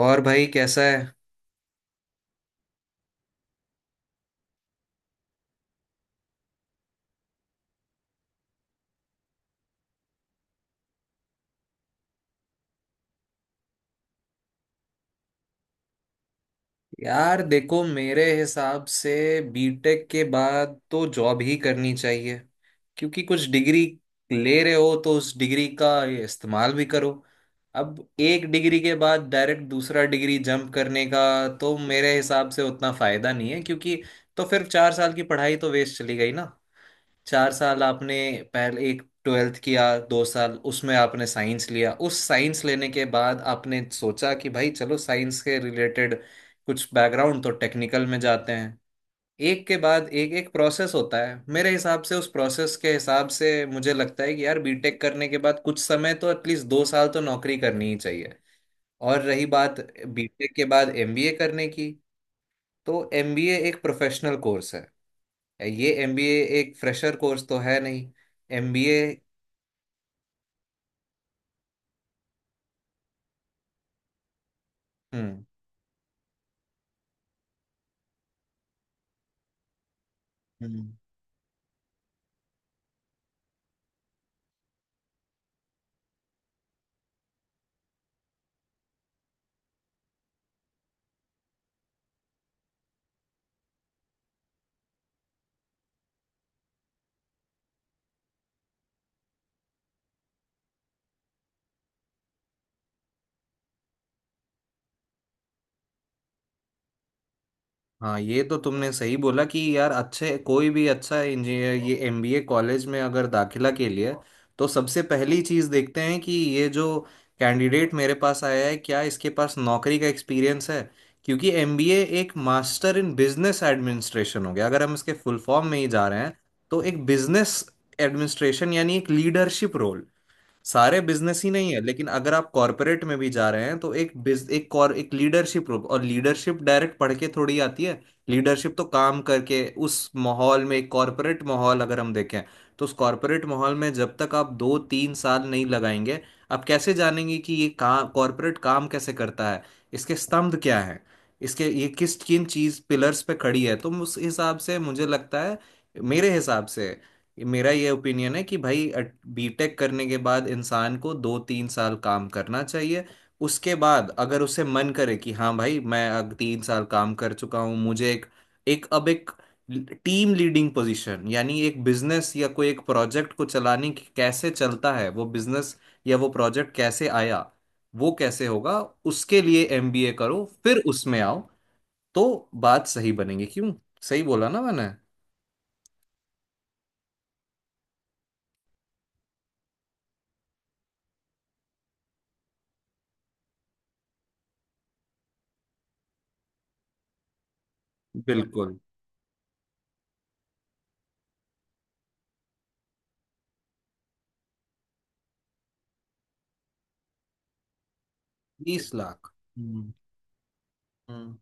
और भाई कैसा है? यार देखो मेरे हिसाब से बीटेक के बाद तो जॉब ही करनी चाहिए। क्योंकि कुछ डिग्री ले रहे हो तो उस डिग्री का ये इस्तेमाल भी करो। अब एक डिग्री के बाद डायरेक्ट दूसरा डिग्री जंप करने का तो मेरे हिसाब से उतना फायदा नहीं है, क्योंकि तो फिर 4 साल की पढ़ाई तो वेस्ट चली गई ना। 4 साल आपने पहले एक ट्वेल्थ किया, 2 साल उसमें आपने साइंस लिया। उस साइंस लेने के बाद आपने सोचा कि भाई चलो साइंस के रिलेटेड कुछ बैकग्राउंड तो टेक्निकल में जाते हैं। एक के बाद एक एक प्रोसेस होता है। मेरे हिसाब से उस प्रोसेस के हिसाब से मुझे लगता है कि यार बीटेक करने के बाद कुछ समय तो एटलीस्ट 2 साल तो नौकरी करनी ही चाहिए। और रही बात बीटेक के बाद एमबीए करने की, तो एमबीए एक प्रोफेशनल कोर्स है। ये एमबीए एक फ्रेशर कोर्स तो है नहीं। एमबीए। हम्म। हम्म। हाँ ये तो तुमने सही बोला कि यार अच्छे कोई भी अच्छा इंजीनियर ये एमबीए कॉलेज में अगर दाखिला के लिए, तो सबसे पहली चीज़ देखते हैं कि ये जो कैंडिडेट मेरे पास आया है, क्या इसके पास नौकरी का एक्सपीरियंस है। क्योंकि एमबीए एक मास्टर इन बिजनेस एडमिनिस्ट्रेशन हो गया, अगर हम इसके फुल फॉर्म में ही जा रहे हैं तो एक बिजनेस एडमिनिस्ट्रेशन यानी एक लीडरशिप रोल। सारे बिजनेस ही नहीं है, लेकिन अगर आप कॉरपोरेट में भी जा रहे हैं तो एक बिज एक कॉर एक लीडरशिप, और लीडरशिप डायरेक्ट पढ़ के थोड़ी आती है। लीडरशिप तो काम करके, उस माहौल में, एक कॉरपोरेट माहौल अगर हम देखें तो उस कॉरपोरेट माहौल में जब तक आप 2-3 साल नहीं लगाएंगे, आप कैसे जानेंगे कि ये काम कॉरपोरेट काम कैसे करता है? इसके स्तंभ क्या हैं? इसके ये किस किन चीज पिलर्स पे खड़ी है? तो उस हिसाब से मुझे लगता है, मेरे हिसाब से, मेरा ये ओपिनियन है कि भाई बीटेक करने के बाद इंसान को 2-3 साल काम करना चाहिए। उसके बाद अगर उसे मन करे कि हाँ भाई मैं अब 3 साल काम कर चुका हूँ, मुझे एक एक अब एक टीम लीडिंग पोजीशन यानी एक बिजनेस या कोई एक प्रोजेक्ट को चलाने की, कैसे चलता है वो बिजनेस, या वो प्रोजेक्ट कैसे आया, वो कैसे होगा, उसके लिए एमबीए करो, फिर उसमें आओ तो बात सही बनेगी, क्यों? सही बोला ना मैंने? बिल्कुल। 20 लाख। हम्म।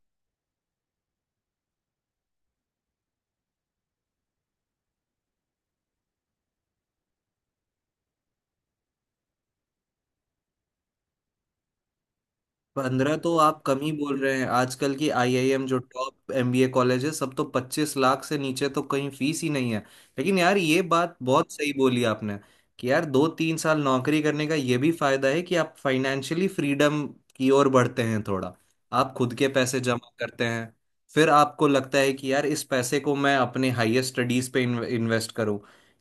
पंद्रह तो आप कम ही बोल रहे हैं। आजकल की आईआईएम जो टॉप एमबीए कॉलेज है सब, तो 25 लाख से नीचे तो कहीं फीस ही नहीं है। लेकिन यार ये बात बहुत सही बोली आपने कि यार 2-3 साल नौकरी करने का ये भी फायदा है कि आप फाइनेंशियली फ्रीडम की ओर बढ़ते हैं थोड़ा। आप खुद के पैसे जमा करते हैं। फिर आपको लगता है कि यार इस पैसे को मैं अपने हाईएस्ट स्टडीज पे इन्वेस्ट करूं।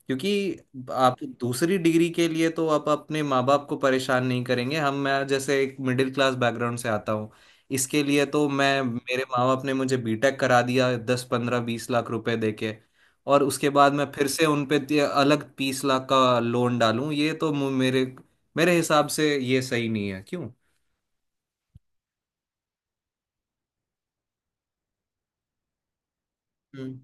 क्योंकि आप दूसरी डिग्री के लिए तो आप अपने माँ बाप को परेशान नहीं करेंगे। हम मैं जैसे एक मिडिल क्लास बैकग्राउंड से आता हूँ। इसके लिए तो मैं मेरे माँ बाप ने मुझे बीटेक करा दिया दस पंद्रह बीस लाख रुपए देके। और उसके बाद मैं फिर से उन पे अलग 30 लाख का लोन डालूं, ये तो मु- मेरे मेरे हिसाब से ये सही नहीं है, क्यों? हम्म।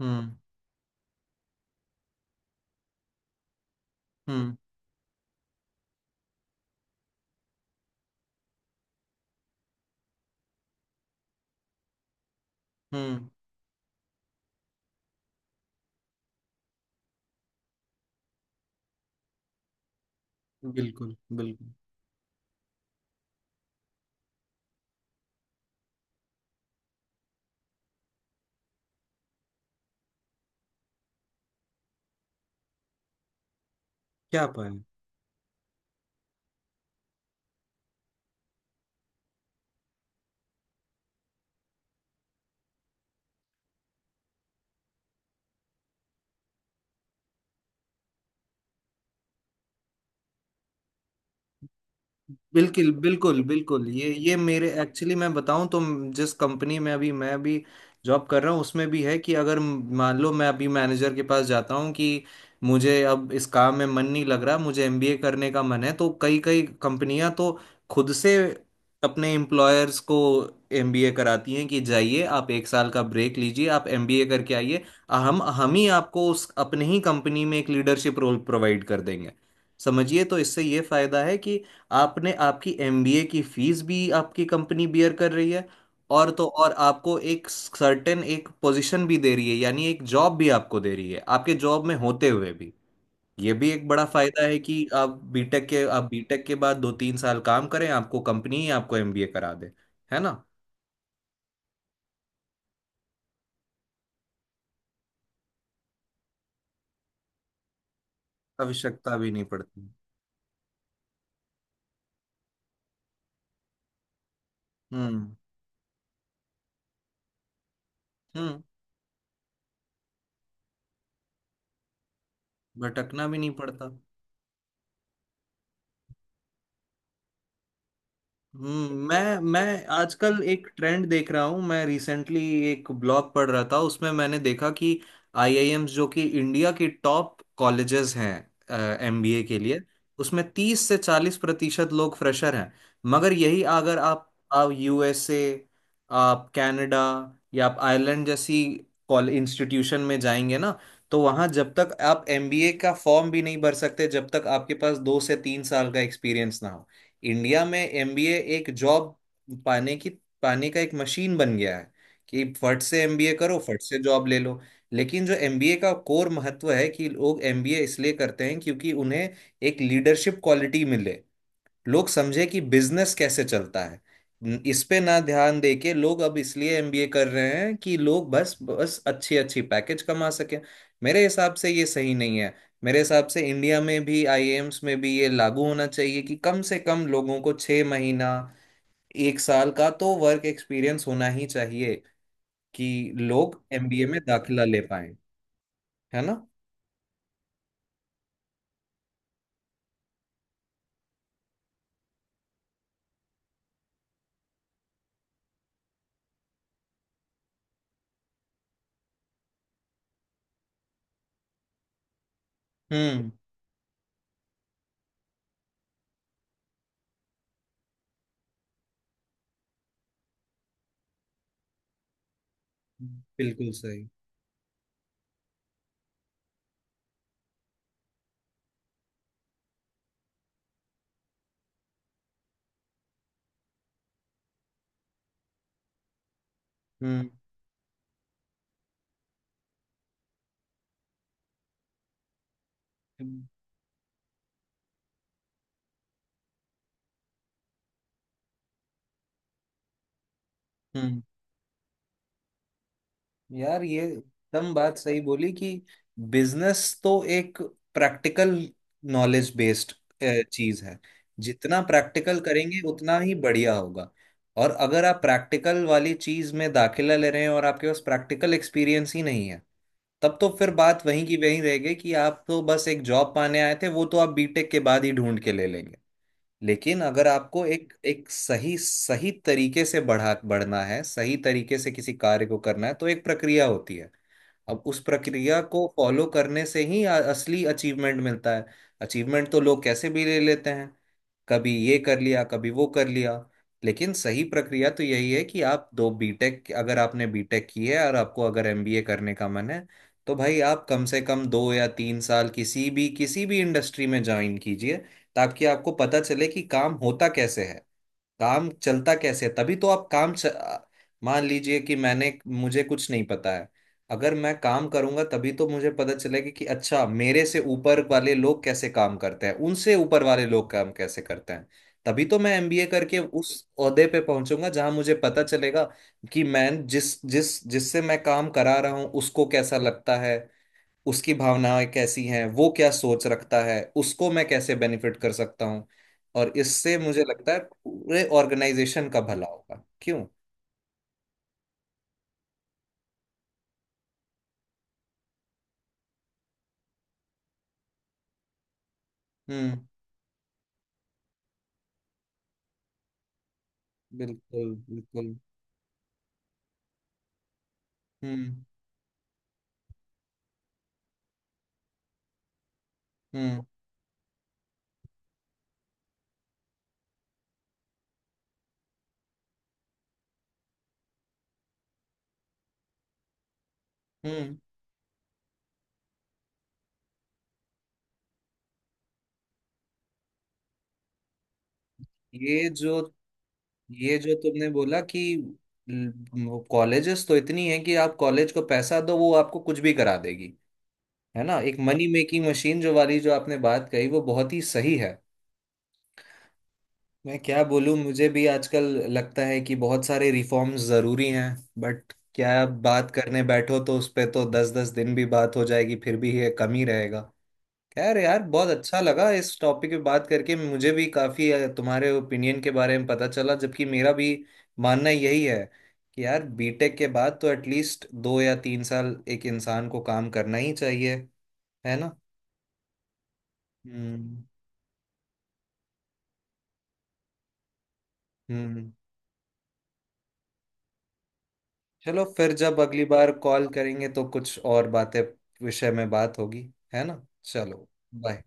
हम्म। हम्म। हम्म। बिल्कुल। बिल्कुल। क्या पाए? बिल्कुल, बिल्कुल, बिल्कुल, ये मेरे एक्चुअली मैं बताऊं तो जिस कंपनी में अभी मैं भी जॉब कर रहा हूं उसमें भी है कि अगर मान लो मैं अभी मैनेजर के पास जाता हूं कि मुझे अब इस काम में मन नहीं लग रहा, मुझे एमबीए करने का मन है, तो कई कई कंपनियां तो खुद से अपने एम्प्लॉयर्स को एमबीए कराती हैं कि जाइए आप एक साल का ब्रेक लीजिए, आप एमबीए करके आइए। हम ही आपको उस अपने ही कंपनी में एक लीडरशिप रोल प्रोवाइड कर देंगे, समझिए। तो इससे ये फायदा है कि आपने आपकी एमबीए की फीस भी आपकी कंपनी बियर कर रही है, और तो और आपको एक सर्टेन एक पोजीशन भी दे रही है, यानी एक जॉब भी आपको दे रही है आपके जॉब में होते हुए भी। ये भी एक बड़ा फायदा है कि आप बीटेक के बाद 2-3 साल काम करें, आपको कंपनी ही आपको एमबीए करा दे, है ना? आवश्यकता भी नहीं पड़ती। हम्म। हम्म। भटकना भी नहीं पड़ता। मैं आजकल एक ट्रेंड देख रहा हूँ। मैं रिसेंटली एक ब्लॉग पढ़ रहा था, उसमें मैंने देखा कि आईआईएम्स जो कि इंडिया की टॉप कॉलेजेस हैं एमबीए के लिए, उसमें 30 से 40% लोग फ्रेशर हैं। मगर यही अगर आप यूएसए, आप कनाडा, या आप आयरलैंड जैसी कॉल इंस्टीट्यूशन में जाएंगे ना, तो वहाँ जब तक आप एमबीए का फॉर्म भी नहीं भर सकते जब तक आपके पास 2 से 3 साल का एक्सपीरियंस ना हो। इंडिया में एमबीए एक जॉब पाने की पाने का एक मशीन बन गया है कि फट से एमबीए करो, फट से जॉब ले लो। लेकिन जो एमबीए का कोर महत्व है कि लोग एमबीए इसलिए करते हैं क्योंकि उन्हें एक लीडरशिप क्वालिटी मिले, लोग समझे कि बिजनेस कैसे चलता है। इस पे ना ध्यान दे के लोग अब इसलिए एमबीए कर रहे हैं कि लोग बस बस अच्छी अच्छी पैकेज कमा सकें। मेरे हिसाब से ये सही नहीं है। मेरे हिसाब से इंडिया में भी आईआईएम्स में भी ये लागू होना चाहिए कि कम से कम लोगों को 6 महीना एक साल का तो वर्क एक्सपीरियंस होना ही चाहिए कि लोग एमबीए में दाखिला ले पाए, है ना? हम्म। बिल्कुल सही। हम्म। हम्म। हम्म। यार ये एकदम बात सही बोली कि बिजनेस तो एक प्रैक्टिकल नॉलेज बेस्ड चीज है। जितना प्रैक्टिकल करेंगे उतना ही बढ़िया होगा। और अगर आप प्रैक्टिकल वाली चीज में दाखिला ले रहे हैं और आपके पास प्रैक्टिकल एक्सपीरियंस ही नहीं है, तब तो फिर बात वहीं की वहीं रह गई कि आप तो बस एक जॉब पाने आए थे, वो तो आप बीटेक के बाद ही ढूंढ के ले लेंगे। लेकिन अगर आपको एक एक सही सही तरीके से बढ़ा बढ़ना है, सही तरीके से किसी कार्य को करना है, तो एक प्रक्रिया होती है। अब उस प्रक्रिया को फॉलो करने से ही असली अचीवमेंट मिलता है। अचीवमेंट तो लोग कैसे भी ले लेते हैं, कभी ये कर लिया, कभी वो कर लिया। लेकिन सही प्रक्रिया तो यही है कि आप दो बीटेक, अगर आपने बीटेक की है और आपको अगर एमबीए करने का मन है, तो भाई आप कम से कम 2 या 3 साल किसी भी इंडस्ट्री में ज्वाइन कीजिए, ताकि आपको पता चले कि काम होता कैसे है, काम चलता कैसे है? तभी तो आप काम च... आ, मान लीजिए कि मैंने मुझे कुछ नहीं पता है। अगर मैं काम करूंगा तभी तो मुझे पता चलेगा कि अच्छा मेरे से ऊपर वाले लोग कैसे काम करते हैं, उनसे ऊपर वाले लोग काम कैसे करते हैं। तभी तो मैं एमबीए करके उस ओहदे पे पहुंचूंगा जहां मुझे पता चलेगा कि मैं जिस जिस जिससे मैं काम करा रहा हूं उसको कैसा लगता है, उसकी भावनाएं कैसी हैं, वो क्या सोच रखता है, उसको मैं कैसे बेनिफिट कर सकता हूँ। और इससे मुझे लगता है पूरे ऑर्गेनाइजेशन का भला होगा, क्यों? हम्म। बिल्कुल बिल्कुल। हम्म। हम्म। हम्म। ये जो ये जो तुमने बोला कि कॉलेजेस तो इतनी है कि आप कॉलेज को पैसा दो वो आपको कुछ भी करा देगी, है ना? एक मनी मेकिंग मशीन जो वाली जो आपने बात कही, वो बहुत ही सही है। मैं क्या बोलूं, मुझे भी आजकल लगता है कि बहुत सारे रिफॉर्म्स जरूरी हैं। बट क्या बात करने बैठो तो उस पे तो 10-10 दिन भी बात हो जाएगी फिर भी ये कम ही रहेगा। खैर यार, बहुत अच्छा लगा इस टॉपिक पे बात करके, मुझे भी काफी तुम्हारे ओपिनियन के बारे में पता चला, जबकि मेरा भी मानना यही है कि यार बीटेक के बाद तो एटलीस्ट 2 या 3 साल एक इंसान को काम करना ही चाहिए, है ना? हम्म। हम्म। चलो, फिर जब अगली बार कॉल करेंगे तो कुछ और बातें विषय में बात होगी, है ना? चलो, बाय।